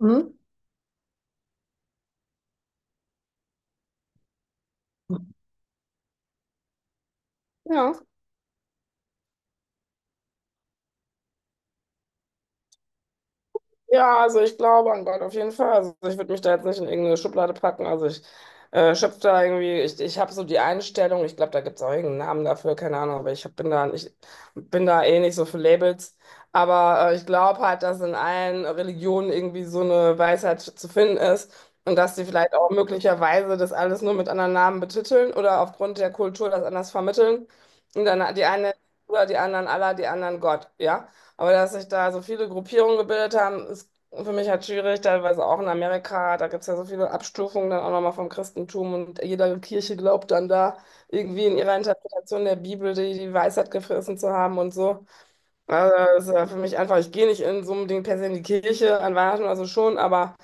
Hm? Ja. Ja, also ich glaube an Gott auf jeden Fall. Also ich würde mich da jetzt nicht in irgendeine Schublade packen. Also ich schöpfe da irgendwie, ich habe so die Einstellung, ich glaube, da gibt es auch irgendeinen Namen dafür, keine Ahnung, aber ich bin da eh nicht so für Labels. Aber ich glaube halt, dass in allen Religionen irgendwie so eine Weisheit zu finden ist und dass die vielleicht auch möglicherweise das alles nur mit anderen Namen betiteln oder aufgrund der Kultur das anders vermitteln. Und dann die einen oder die anderen Allah, die anderen Gott, ja. Aber dass sich da so viele Gruppierungen gebildet haben, ist für mich halt schwierig, teilweise auch in Amerika. Da gibt es ja so viele Abstufungen dann auch nochmal vom Christentum und jede Kirche glaubt dann da irgendwie in ihrer Interpretation der Bibel die Weisheit gefressen zu haben und so. Also das ist ja für mich einfach, ich gehe nicht in so unbedingt per se in die Kirche an Weihnachten oder so schon, aber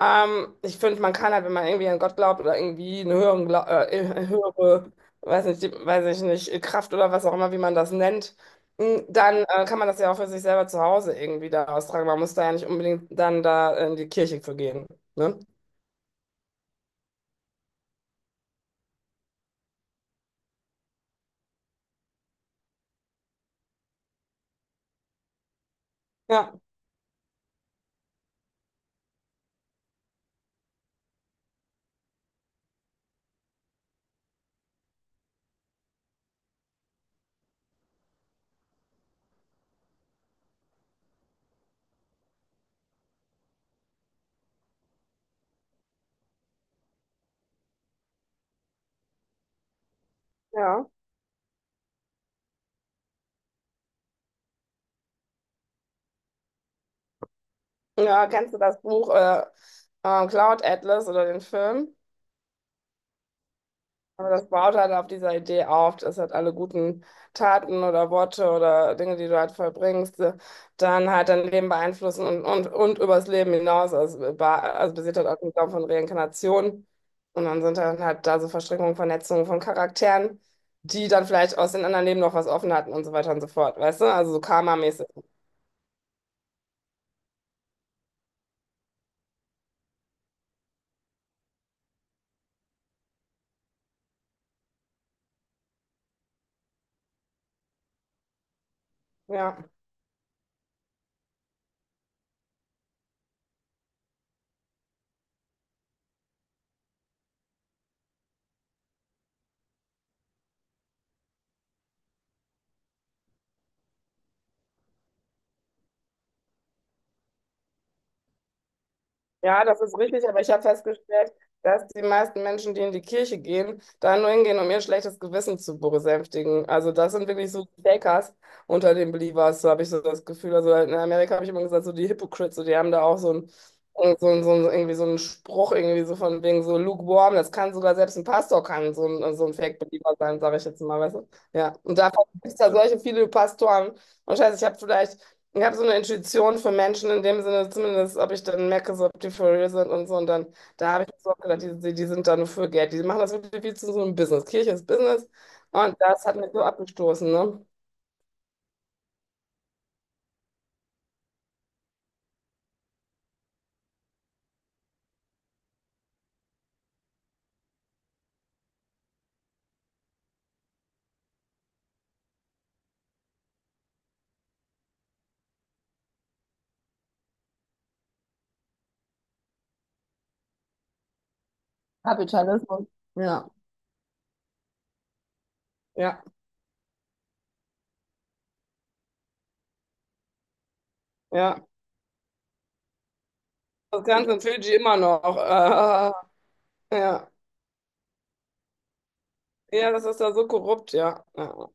ich finde, man kann halt, wenn man irgendwie an Gott glaubt oder irgendwie eine höhere, weiß nicht, die, weiß ich nicht, Kraft oder was auch immer, wie man das nennt, dann kann man das ja auch für sich selber zu Hause irgendwie da austragen. Man muss da ja nicht unbedingt dann da in die Kirche für gehen. Ne? Ja, ja. Ja, kennst du das Buch Cloud Atlas oder den Film? Aber das baut halt auf dieser Idee auf, dass halt alle guten Taten oder Worte oder Dinge, die du halt vollbringst, dann halt dein Leben beeinflussen und übers Leben hinaus. Also basiert halt auf dem Glauben von Reinkarnation. Und dann sind dann halt da so Verstrickungen, Vernetzungen von Charakteren, die dann vielleicht aus den anderen Leben noch was offen hatten und so weiter und so fort. Weißt du? Also so karmamäßig. Ja. Ja, das ist richtig, aber ich habe festgestellt, dass die meisten Menschen, die in die Kirche gehen, da nur hingehen, um ihr schlechtes Gewissen zu besänftigen. Also das sind wirklich so die Fakers unter den Believers, so habe ich so das Gefühl. Also in Amerika habe ich immer gesagt, so die Hypocrites, so die haben da auch so ein, irgendwie so einen Spruch, irgendwie so von wegen so lukewarm, das kann sogar selbst ein Pastor kann so ein Fake-Believer sein, sage ich jetzt mal, weißt du? Ja, und da gibt es da solche viele Pastoren. Und scheiße, ich habe so eine Intuition für Menschen in dem Sinne, zumindest, ob ich dann merke, so, ob die for real sind und so. Und dann, da habe ich mir so auch gedacht, die sind da nur für Geld. Die machen das wirklich viel zu so einem Business. Kirche ist Business. Und das hat mich so abgestoßen, ne? Kapitalismus. Ja. Ja, ja. Das Ganze in Fidschi immer noch. Ja. Ja, das ist da so korrupt, ja. Ja,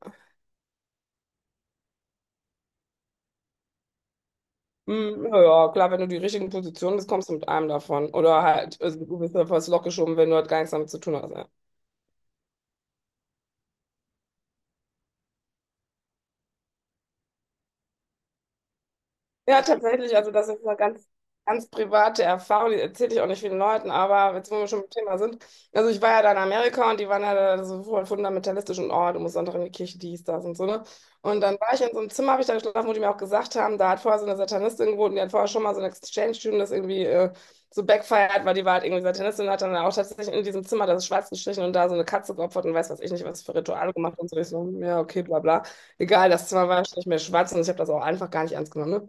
Na ja, klar, wenn du die richtigen Positionen bist, kommst du mit einem davon. Oder halt, also, du bist einfach ins geschoben, wenn du halt gar nichts damit zu tun hast. Ja. Ja, tatsächlich. Also das ist eine ganz, ganz private Erfahrung, die erzähle ich auch nicht vielen Leuten, aber jetzt, wo wir schon beim Thema sind. Also ich war ja da in Amerika und die waren ja da so voll fundamentalistisch und oh, du musst Sonntag in die Kirche, dies, das und so, ne? Und dann war ich in so einem Zimmer, habe ich da geschlafen, wo die mir auch gesagt haben, da hat vorher so eine Satanistin gewohnt, und die hat vorher schon mal so eine Exchange-Student, das irgendwie so backfired, weil die war halt irgendwie Satanistin und hat dann auch tatsächlich in diesem Zimmer, das ist schwarz gestrichen und da so eine Katze geopfert und weiß was ich nicht, was für Rituale gemacht und so. Ich so, hm, ja, okay, bla bla. Egal, das Zimmer war nicht mehr schwarz und ich habe das auch einfach gar nicht ernst genommen. Ne?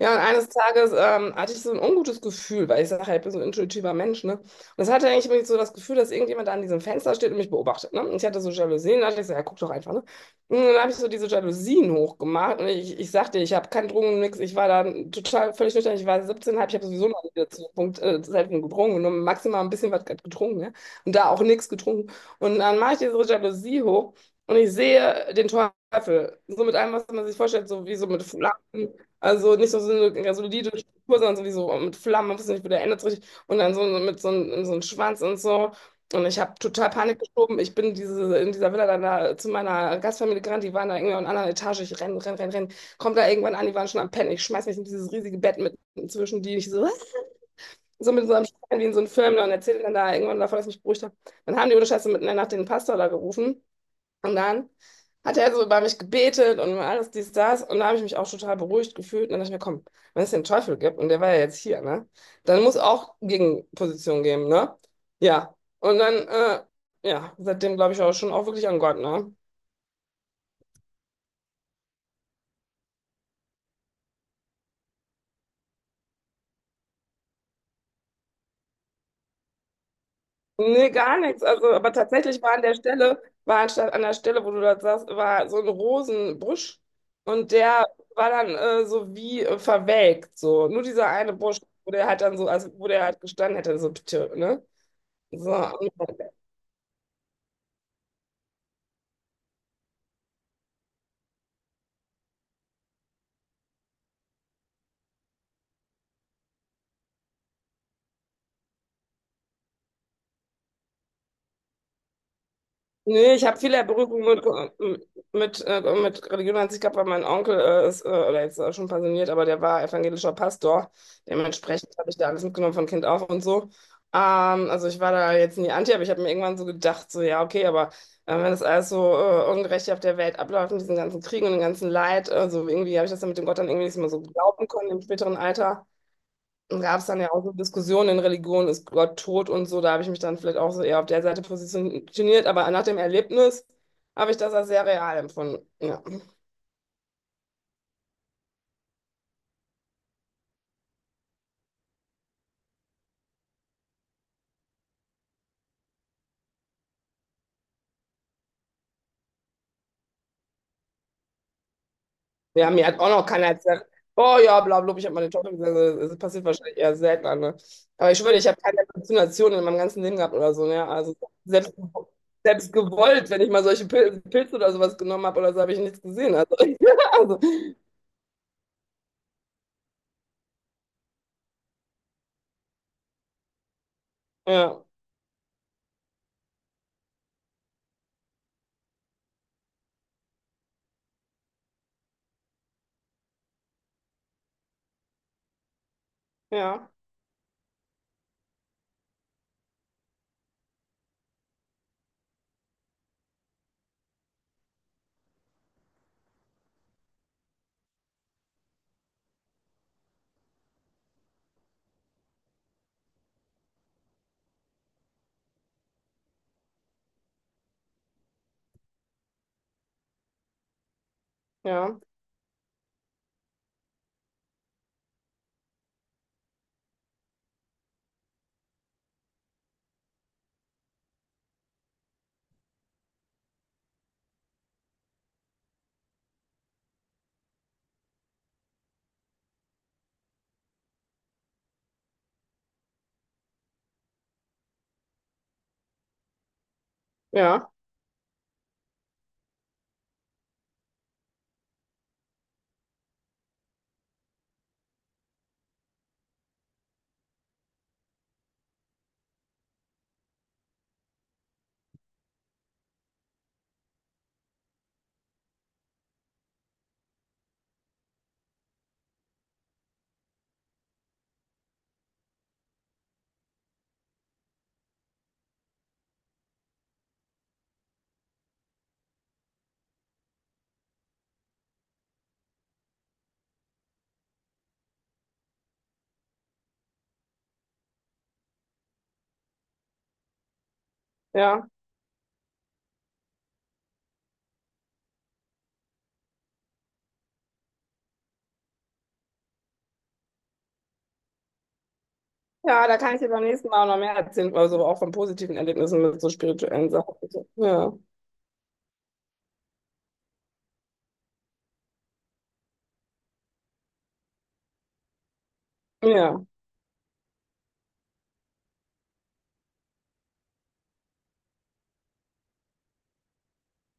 Ja, und eines Tages hatte ich so ein ungutes Gefühl, weil ich sage, ja, ich bin so ein intuitiver Mensch, ne? Und es hatte eigentlich immer so das Gefühl, dass irgendjemand da an diesem Fenster steht und mich beobachtet, ne? Und ich hatte so Jalousien, da dachte ich so, ja, guck doch einfach, ne? Und dann habe ich so diese Jalousien hochgemacht und ich sagte, ich habe keinen Drogen, nix, ich war da total völlig nüchtern, ich war 17,5, ich habe sowieso noch nie zu dem Punkt selten getrunken, nur maximal ein bisschen was getrunken, ne? Und da auch nichts getrunken. Und dann mache ich diese Jalousie hoch und ich sehe den Teufel, so mit allem, was man sich vorstellt, so wie so mit Flammen. Also nicht so eine solide Struktur, sondern sowieso mit Flammen, man wusste nicht, wo der endet so richtig. Und dann so mit so einem Schwanz und so. Und ich habe total Panik geschoben. Ich bin in dieser Villa dann da zu meiner Gastfamilie gerannt. Die waren da irgendwie in einer anderen Etage. Ich renne, renne, renne, renne, komm da irgendwann an, die waren schon am Pennen. Ich schmeiß mich in dieses riesige Bett mit zwischen die. Ich so, "Was?" so mit so einem Stein wie in so einem Film. Und erzähle dann da irgendwann davon, dass ich mich beruhigt habe. Dann haben die ohne Scheiße mitten in der Nacht den Pastor da gerufen. Und dann hat er so über mich gebetet und alles dies, das. Und da habe ich mich auch total beruhigt gefühlt. Und dann dachte ich mir, komm, wenn es den Teufel gibt, und der war ja jetzt hier, ne? Dann muss auch Gegenposition geben, ne? Ja. Und dann, ja, seitdem glaube ich auch schon auch wirklich an Gott, ne? Nee, gar nichts. Also, aber tatsächlich war anstatt an der Stelle, wo du das sagst, war so ein Rosenbusch. Und der war dann so wie verwelkt, so. Nur dieser eine Busch, wo der halt dann so, also wo der halt gestanden hätte, so, tö, ne? So, nee, ich habe viele Berührungen mit, mit Religion an sich gehabt, weil mein Onkel oder jetzt schon pensioniert, aber der war evangelischer Pastor. Dementsprechend habe ich da alles mitgenommen von Kind auf und so. Also ich war da jetzt nie anti, aber ich habe mir irgendwann so gedacht, so ja, okay, aber wenn das alles so ungerecht auf der Welt abläuft, mit diesen ganzen Kriegen und dem ganzen Leid, also irgendwie habe ich das dann mit dem Gott dann irgendwie nicht mehr so glauben können im späteren Alter. Gab es dann ja auch so Diskussionen in Religion, ist Gott tot und so. Da habe ich mich dann vielleicht auch so eher auf der Seite positioniert, aber nach dem Erlebnis habe ich das als sehr real empfunden. Ja. Ja, mir hat auch noch keiner erzählt, oh ja, bla bla, ich habe meine Tochter gesagt. Also, das passiert wahrscheinlich eher selten, ne? Aber ich schwöre, ich habe keine Halluzination in meinem ganzen Leben gehabt oder so. Ne? Also selbst, selbst gewollt, wenn ich mal solche Pilze oder sowas genommen habe oder so, habe ich nichts gesehen. Also, also ja, ja, ja, ja, ja. Ja, da kann ich dir beim nächsten Mal auch noch mehr erzählen, also auch von positiven Erlebnissen mit so spirituellen Sachen. So. Ja, ja,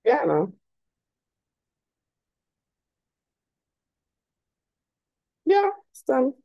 gerne. Ja, bis dann.